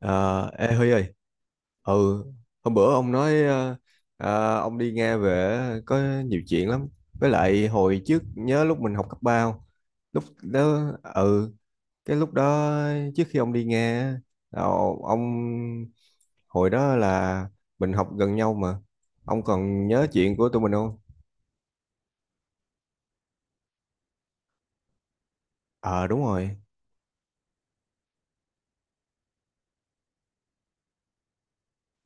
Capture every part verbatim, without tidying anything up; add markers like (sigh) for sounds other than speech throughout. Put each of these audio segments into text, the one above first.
Ờ, Ê Huy ơi, ừ, hôm bữa ông nói ờ, ờ, ông đi Nga về có nhiều chuyện lắm. Với lại hồi trước nhớ lúc mình học cấp ba không? Lúc đó, ừ, cái lúc đó trước khi ông đi Nga, á, ờ, ông hồi đó là mình học gần nhau mà. Ông còn nhớ chuyện của tụi mình không? Ờ, đúng rồi.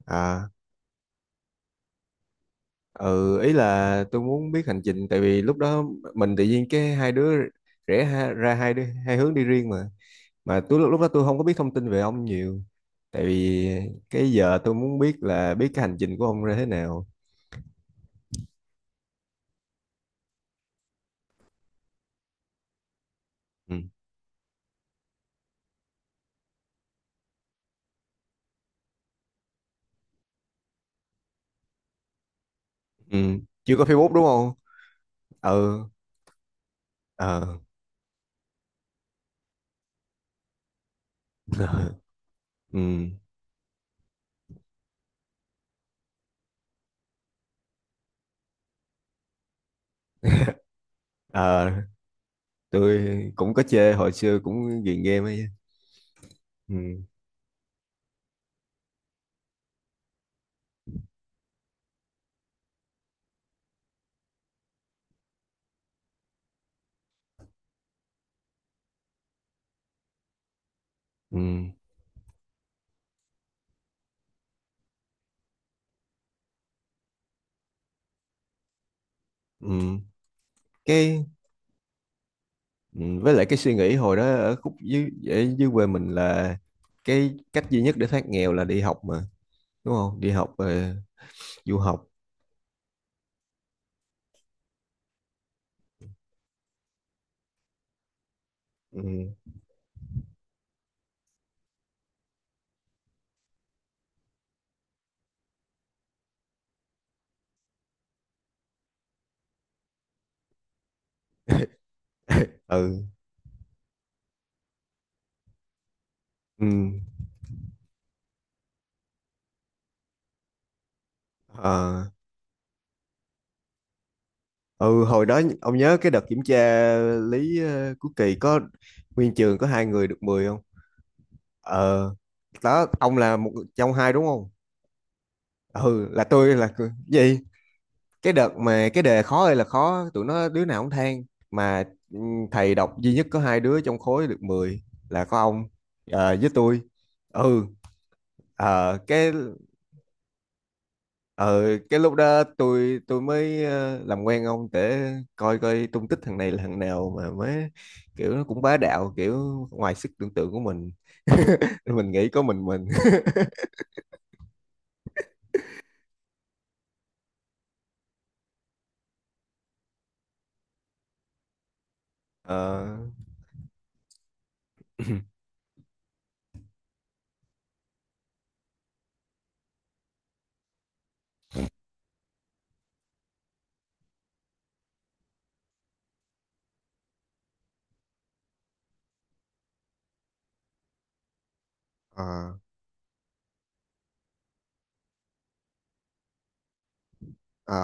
À, ừ, ý là tôi muốn biết hành trình, tại vì lúc đó mình tự nhiên cái hai đứa rẽ ha, ra hai đứa hai hướng đi riêng mà. Mà tôi lúc lúc đó tôi không có biết thông tin về ông nhiều, tại vì cái giờ tôi muốn biết là biết cái hành trình của ông ra thế nào. Ừ. Ừ. Chưa có Facebook đúng không? Ừ. Ờ. Ừ. Ờ, tôi cũng có chơi, hồi xưa cũng ghiền game ấy. Ừ. Ừ. Ừ. Cái, ừ. Với lại cái suy nghĩ hồi đó ở khúc dưới ở dưới quê mình là cái cách duy nhất để thoát nghèo là đi học mà, đúng không, đi học ờ, du học. Ừ. Ừ, ừ. Ờ. Ừ, hồi đó ông nhớ cái đợt kiểm tra lý ờ, cuối kỳ có nguyên trường có hai người được mười không? Ờ, đó ông là một trong hai đúng không? Ừ, là tôi là người- gì? Cái đợt mà cái đề khó ơi là khó, tụi nó đứa nào cũng than mà, ừ, thầy đọc duy nhất có hai đứa trong khối được mười là có ông ờ, với tôi. Ừ. ờ, cái ờ cái lúc đó tôi tôi mới ờ, làm quen ông để coi coi tung tích thằng này là thằng nào mà mới, kiểu nó cũng bá đạo kiểu ngoài sức tưởng tượng của mình. (laughs) Mình nghĩ có mình mình. (laughs) ờ (coughs) ờ ờ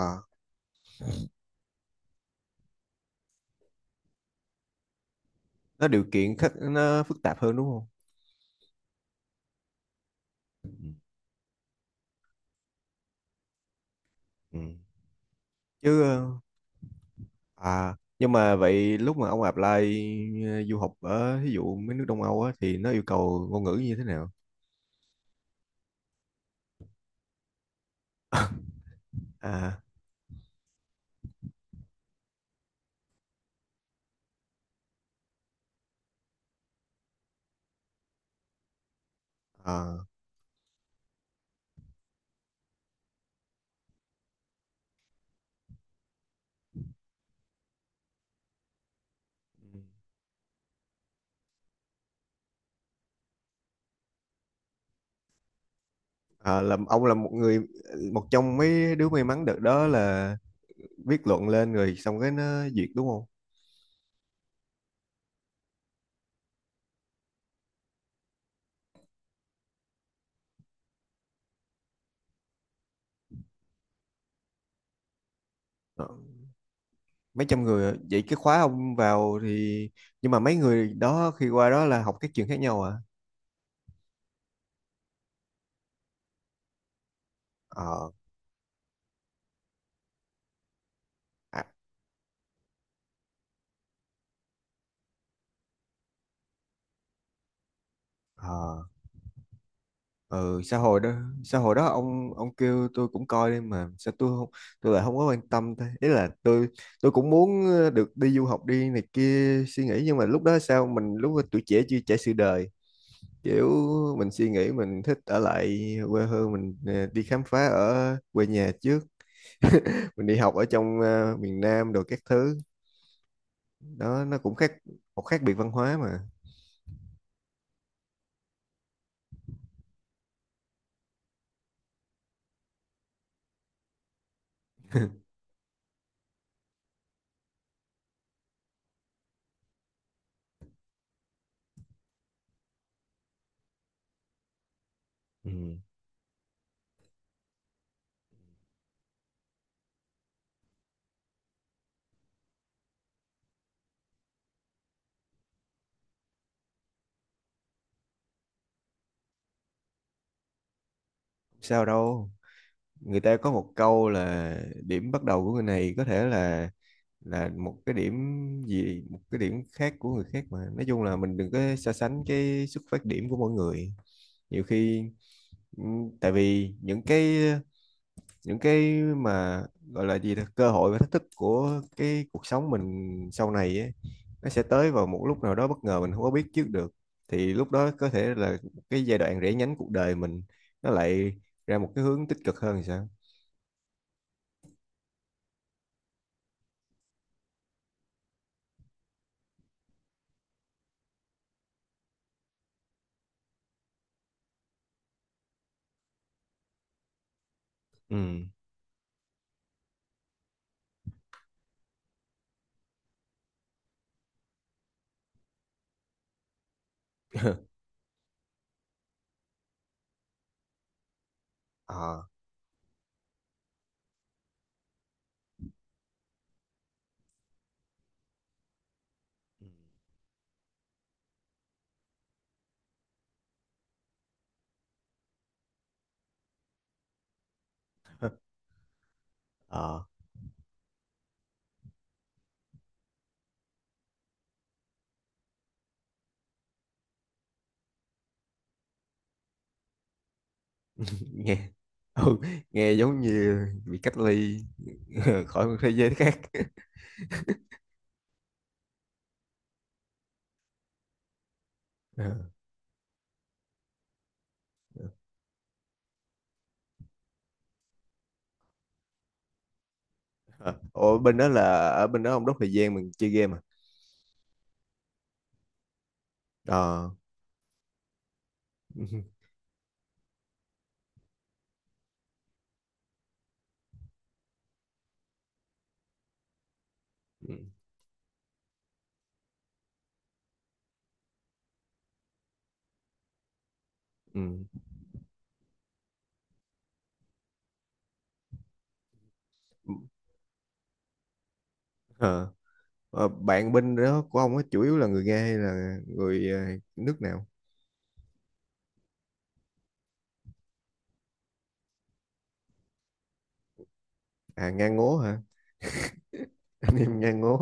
nó điều kiện khắc, nó phức tạp hơn đúng không? Ừ. Chứ ờ, à nhưng mà vậy lúc mà ông apply ờ, du học ở ví dụ mấy nước Đông Âu á thì nó yêu cầu ngôn ngữ như thế nào à? Ờ. Ờ, là ông là một người một trong mấy đứa may mắn đợt đó là viết luận lên rồi xong cái nó duyệt đúng không? Ờ, mấy trăm người à? Vậy cái khóa ông vào thì nhưng mà mấy người đó khi qua đó là học các trường khác nhau à? Ờ. À. Ờ. Ừ, xã hội đó, xã hội đó ông ông kêu tôi cũng coi đi mà sao tôi không, tôi lại không có quan tâm thế, ý là tôi tôi cũng muốn ờ, được đi du học đi này kia, suy nghĩ nhưng mà lúc đó sao mình, lúc đó tuổi trẻ chưa trải sự đời, kiểu mình suy nghĩ mình thích ở lại quê hương mình, ờ, đi khám phá ở quê nhà trước, mình đi học ở trong ờ, miền Nam đồ các thứ, đó nó cũng khác, một khác biệt văn hóa mà. Ừ. Sao đâu, người ta có một câu là điểm bắt đầu của người này có thể là là một cái điểm gì một cái điểm khác của người khác, mà nói chung là mình đừng có so sánh cái xuất phát điểm của mỗi người nhiều khi, ừ, tại vì những cái những cái mà gọi là gì ta, cơ hội và thách thức của cái cuộc sống mình sau này ấy, nó sẽ tới vào một lúc nào đó bất ngờ, mình không có biết trước được, thì lúc đó có thể là cái giai đoạn rẽ nhánh cuộc đời mình nó lại ra một cái hướng tích cực hơn thì sao. Ừ. (laughs) Ờ. Ừ. Ờ. nghe ừ, nghe giống như bị cách ly, (laughs) khỏi một thế giới khác. Ờ. Ờ. Ủa bên đó là ở bên đó ông đốt thời gian mình chơi game à? Ờ. (laughs) Ừ. Ừ. Ừ. Ờ. Ờ, bạn bên đó của ông á chủ yếu là người Nga hay là người ờ, nước nào? À, Nga ngố hả? (laughs) Anh em Nga ngố.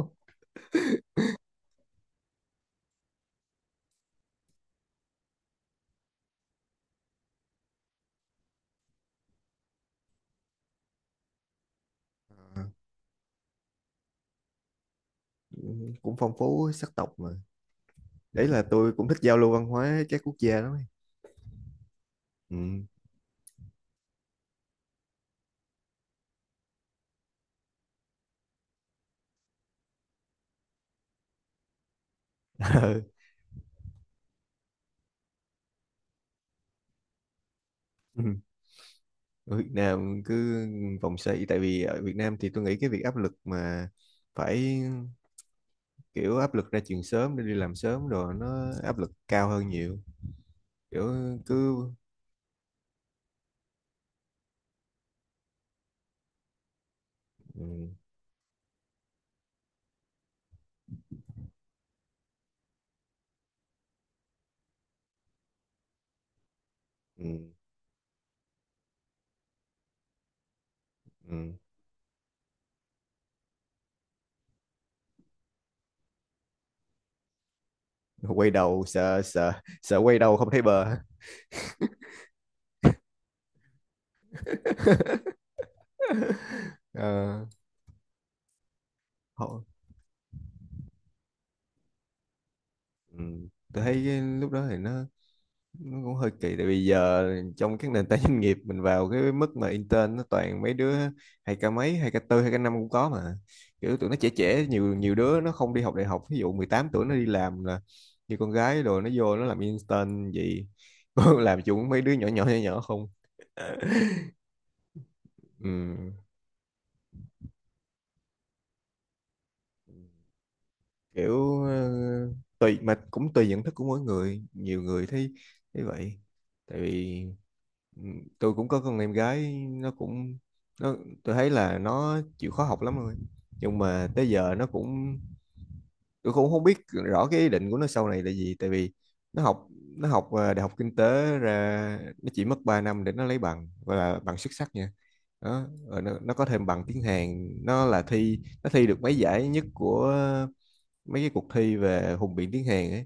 Ờ, cũng phong phú sắc tộc mà. Đấy là tôi cũng thích giao lưu văn hóa các quốc gia lắm ấy. Ừ. (laughs) Ừ. Ở Việt Nam cứ vòng xoay, tại vì ở Việt Nam thì tôi nghĩ cái việc áp lực mà phải, kiểu áp lực ra trường sớm để đi làm sớm rồi nó áp lực cao hơn nhiều, kiểu cứ, ừ, ừ, ừ. Quay đầu sợ sợ sợ, quay đầu không thấy bờ. (laughs) Ờ, họ- ừ. Tôi thấy cái lúc đó thì nó nó cũng hơi kỳ, tại vì giờ trong các nền tảng doanh nghiệp mình vào cái mức mà intern nó toàn mấy đứa hai k mấy hai k tư hai k năm cũng có mà, kiểu tụi nó trẻ trẻ, nhiều nhiều đứa nó không đi học đại học, ví dụ mười tám tuổi nó đi làm là như con gái rồi, nó vô nó làm intern gì, (laughs) làm chung mấy đứa nhỏ nhỏ nhỏ nhỏ không. (laughs) Ừ, kiểu ờ, tùy mà cũng tùy nhận thức của mỗi người, nhiều người thấy thấy vậy, tại vì ừ, tôi cũng có con em gái nó cũng, nó, tôi thấy là nó chịu khó học lắm rồi, nhưng mà tới giờ nó cũng, tôi cũng không biết rõ cái ý định của nó sau này là gì, tại vì nó học nó học ờ, đại học kinh tế, ra nó chỉ mất ba năm để nó lấy bằng, gọi là bằng xuất sắc nha, đó rồi nó, nó có thêm bằng tiếng Hàn, nó là thi, nó thi được mấy giải nhất của mấy cái cuộc thi về hùng biện tiếng Hàn ấy,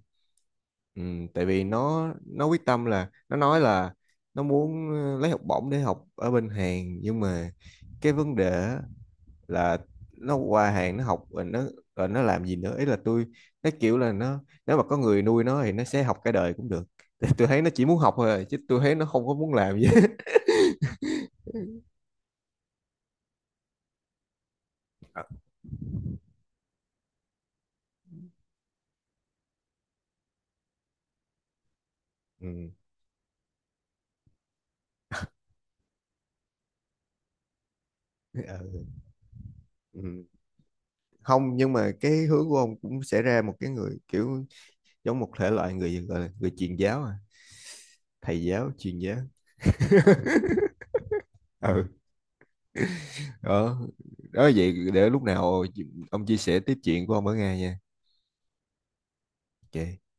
ừ, tại vì nó nó quyết tâm là nó nói là nó muốn ờ, lấy học bổng để học ở bên Hàn, nhưng mà cái vấn đề á, là nó qua Hàn nó học rồi nó, rồi nó làm gì nữa, ý là tôi, nó kiểu là nó, nếu mà có người nuôi nó thì nó sẽ học cả đời cũng được. Tại tôi thấy nó chỉ muốn học thôi à, chứ tôi thấy nó không có muốn làm gì hết. (laughs) Ừ. Ờ, ừ. Không nhưng mà cái hướng của ông cũng sẽ ra một cái người kiểu giống một thể loại người gọi là người truyền giáo à, thầy giáo chuyên giáo. Ừ, đó đó, vậy để lúc nào ông chia sẻ tiếp chuyện của ông ở Nga nha. Ok.